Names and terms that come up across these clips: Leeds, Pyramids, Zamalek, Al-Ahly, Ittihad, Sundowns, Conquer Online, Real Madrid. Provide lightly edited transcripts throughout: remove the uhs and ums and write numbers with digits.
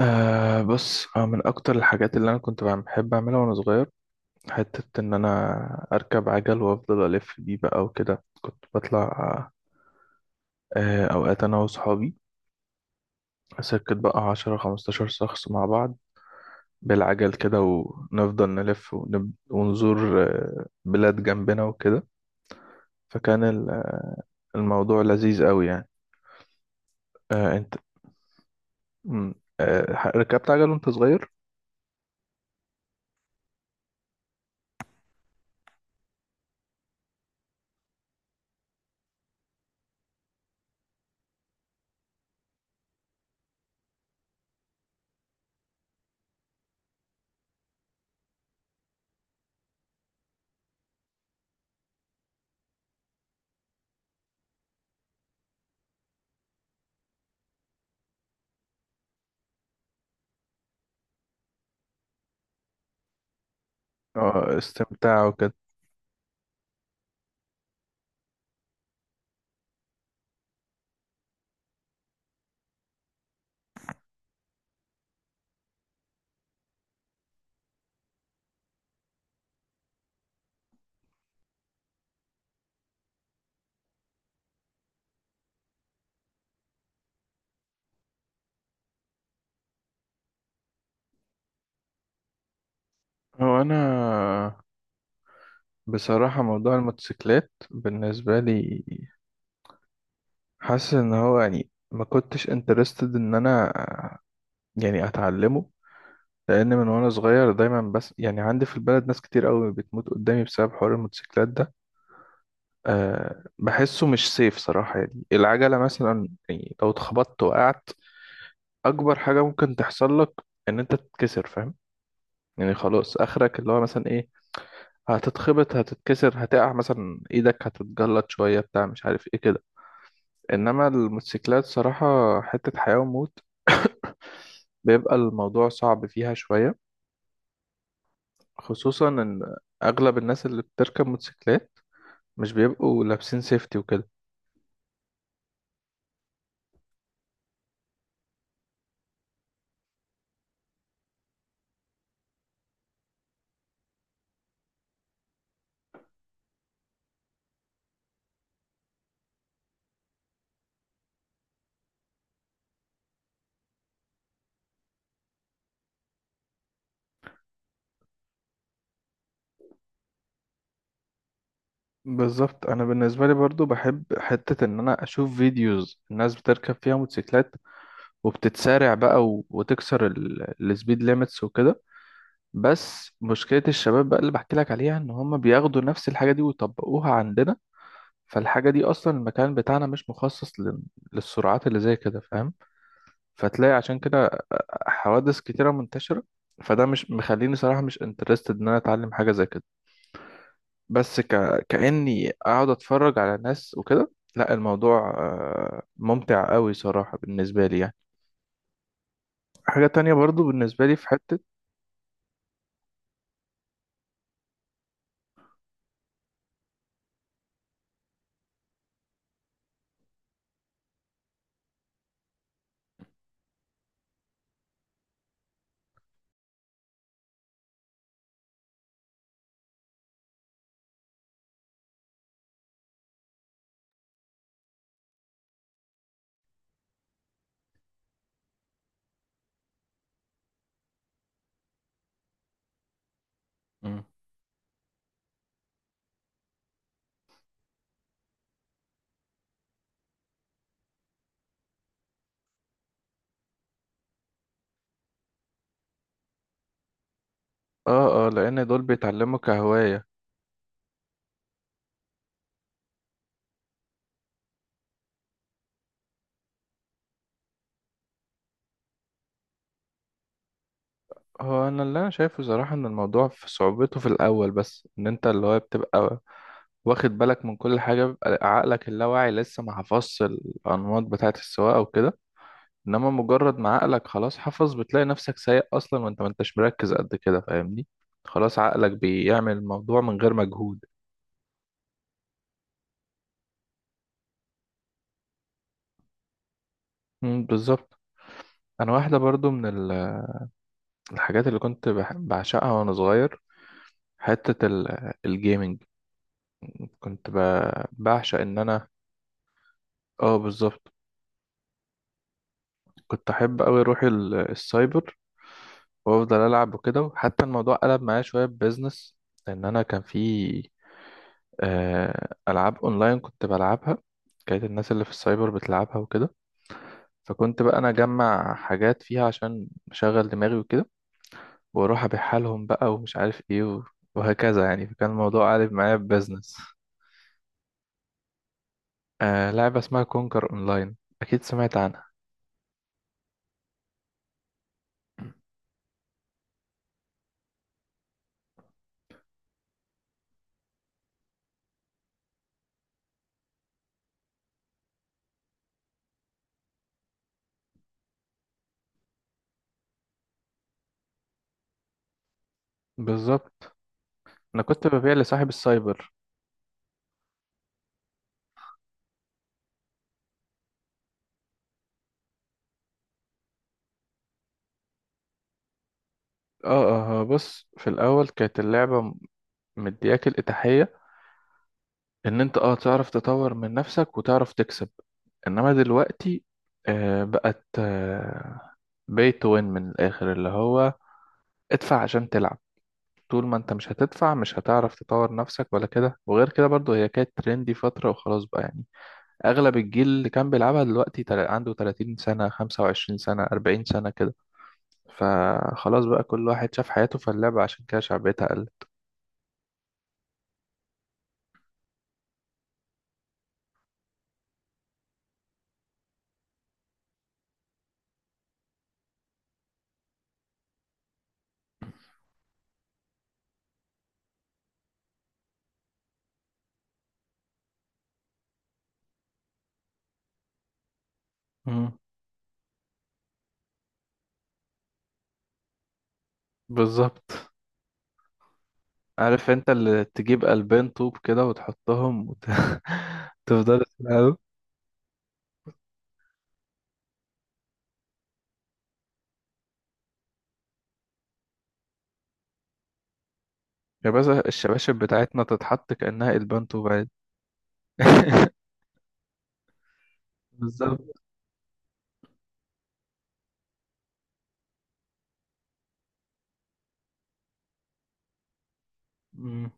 بص، من أكتر الحاجات اللي أنا كنت بحب أعملها وأنا صغير، حتة إن أنا أركب عجل وأفضل ألف بيه بقى وكده كنت بطلع أوقات أنا وصحابي، سكت بقى 10 15 شخص مع بعض بالعجل كده، ونفضل نلف ونزور بلاد جنبنا وكده. فكان الموضوع لذيذ أوي يعني. أنت. مم، ركبت عجل وأنت صغير؟ استمتاع وكده. هو أنا، بصراحة موضوع الموتوسيكلات بالنسبة لي، حاسس ان هو يعني ما كنتش انترستد ان انا يعني اتعلمه، لان من وانا صغير دايما بس يعني عندي في البلد ناس كتير قوي بتموت قدامي بسبب حوار الموتوسيكلات ده. بحسه مش سيف صراحة، يعني العجلة مثلا يعني لو اتخبطت وقعت، اكبر حاجة ممكن تحصل لك ان انت تتكسر، فاهم؟ يعني خلاص اخرك اللي هو مثلا ايه، هتتخبط، هتتكسر، هتقع مثلا ايدك هتتجلط شوية بتاع، مش عارف ايه كده. انما الموتوسيكلات صراحة حتة حياة وموت، بيبقى الموضوع صعب فيها شوية، خصوصا ان اغلب الناس اللي بتركب موتوسيكلات مش بيبقوا لابسين سيفتي وكده. بالظبط، انا بالنسبة لي برضو بحب حتة ان انا اشوف فيديوز الناس بتركب فيها موتوسيكلات، وبتتسارع بقى وتكسر السبيد ليميتس وكده. بس مشكلة الشباب بقى اللي بحكي لك عليها ان هم بياخدوا نفس الحاجة دي ويطبقوها عندنا، فالحاجة دي اصلا المكان بتاعنا مش مخصص للسرعات اللي زي كده، فاهم؟ فتلاقي عشان كده حوادث كتيرة منتشرة. فده مش مخليني صراحة مش انترستد ان انا اتعلم حاجة زي كده، بس كأني اقعد اتفرج على ناس وكده. لا الموضوع ممتع قوي صراحة بالنسبة لي يعني. حاجة تانية برضو بالنسبة لي في حتة. مم. اه، اه، لان دول بيتعلموا كهواية. هو انا اللي انا شايفه صراحة ان الموضوع في صعوبته في الاول، بس ان انت اللي هو بتبقى واخد بالك من كل حاجة، بيبقى عقلك اللاواعي لسه ما حفظش الانماط بتاعة السواقة وكده. انما مجرد ما عقلك خلاص حفظ، بتلاقي نفسك سايق اصلا وانت ما انتش مركز قد كده، فاهمني؟ خلاص عقلك بيعمل الموضوع من غير مجهود. مم، بالظبط. انا واحده برضو من ال- الحاجات اللي كنت بعشقها وانا صغير، حته الجيمنج. كنت بعشق ان انا. اه، بالظبط. كنت احب قوي اروح السايبر وافضل العب وكده. وحتى الموضوع قلب معايا شويه ببزنس، لان انا كان في ألعاب أونلاين كنت بلعبها، كانت الناس اللي في السايبر بتلعبها وكده. فكنت بقى أنا أجمع حاجات فيها عشان أشغل دماغي وكده، وأروح أبيعها لهم بقى ومش عارف إيه وهكذا يعني. فكان الموضوع قالب معايا ببزنس. لعبة اسمها كونكر أونلاين. أكيد سمعت عنها. بالظبط. أنا كنت ببيع لصاحب السايبر. بص، في الأول كانت اللعبة مدياك الإتاحية ان انت تعرف تطور من نفسك وتعرف تكسب. انما دلوقتي، بقت pay to win من الاخر، اللي هو ادفع عشان تلعب. طول ما انت مش هتدفع مش هتعرف تطور نفسك ولا كده، وغير كده برضو هي كانت ترندي فترة وخلاص بقى يعني. اغلب الجيل اللي كان بيلعبها دلوقتي عنده 30 سنة، 25 سنة، 40 سنة كده. فخلاص بقى كل واحد شاف حياته في اللعبة، عشان كده شعبيتها قل. مم. بالظبط. عارف انت اللي تجيب قلبين طوب كده وتحطهم تفضل تلعب. يا باشا، الشباشب بتاعتنا تتحط كأنها قلبان طوب عادي. بالظبط. مم.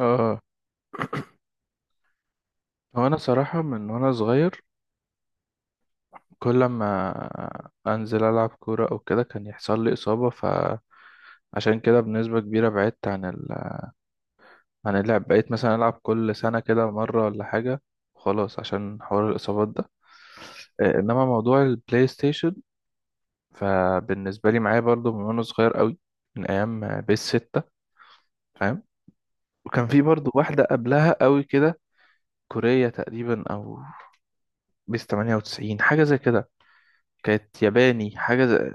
اه، هو انا صراحة من وانا صغير كل ما انزل العب كورة او كده كان يحصل لي اصابة، فعشان كده بنسبة كبيرة بعدت عن عن اللعب، بقيت مثلا العب كل سنة كده مرة ولا حاجة، خلاص عشان حوار الاصابات ده. انما موضوع البلاي ستيشن فبالنسبة لي معايا برضو من وأنا صغير قوي، من أيام بيس ستة، فاهم؟ وكان في برضو واحدة قبلها قوي كده، كورية تقريبا، أو بيس 98 حاجة زي كده، كانت ياباني حاجة زي...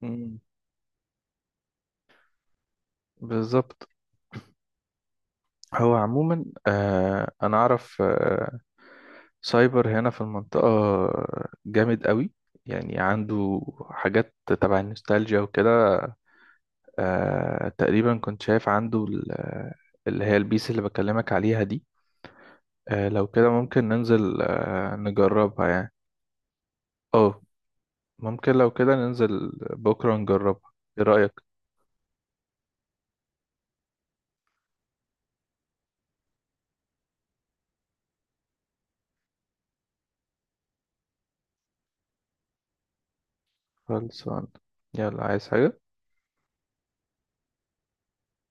مم، بالظبط. هو عموما أنا أعرف سايبر هنا في المنطقة جامد قوي، يعني عنده حاجات تبع النوستالجيا وكده. تقريبا كنت شايف عنده اللي هي البيس اللي بكلمك عليها دي. لو كده ممكن ننزل نجربها يعني. اه، ممكن لو كده ننزل بكرة نجربها. ايه رأيك؟ خلصان. يلا، عايز حاجة؟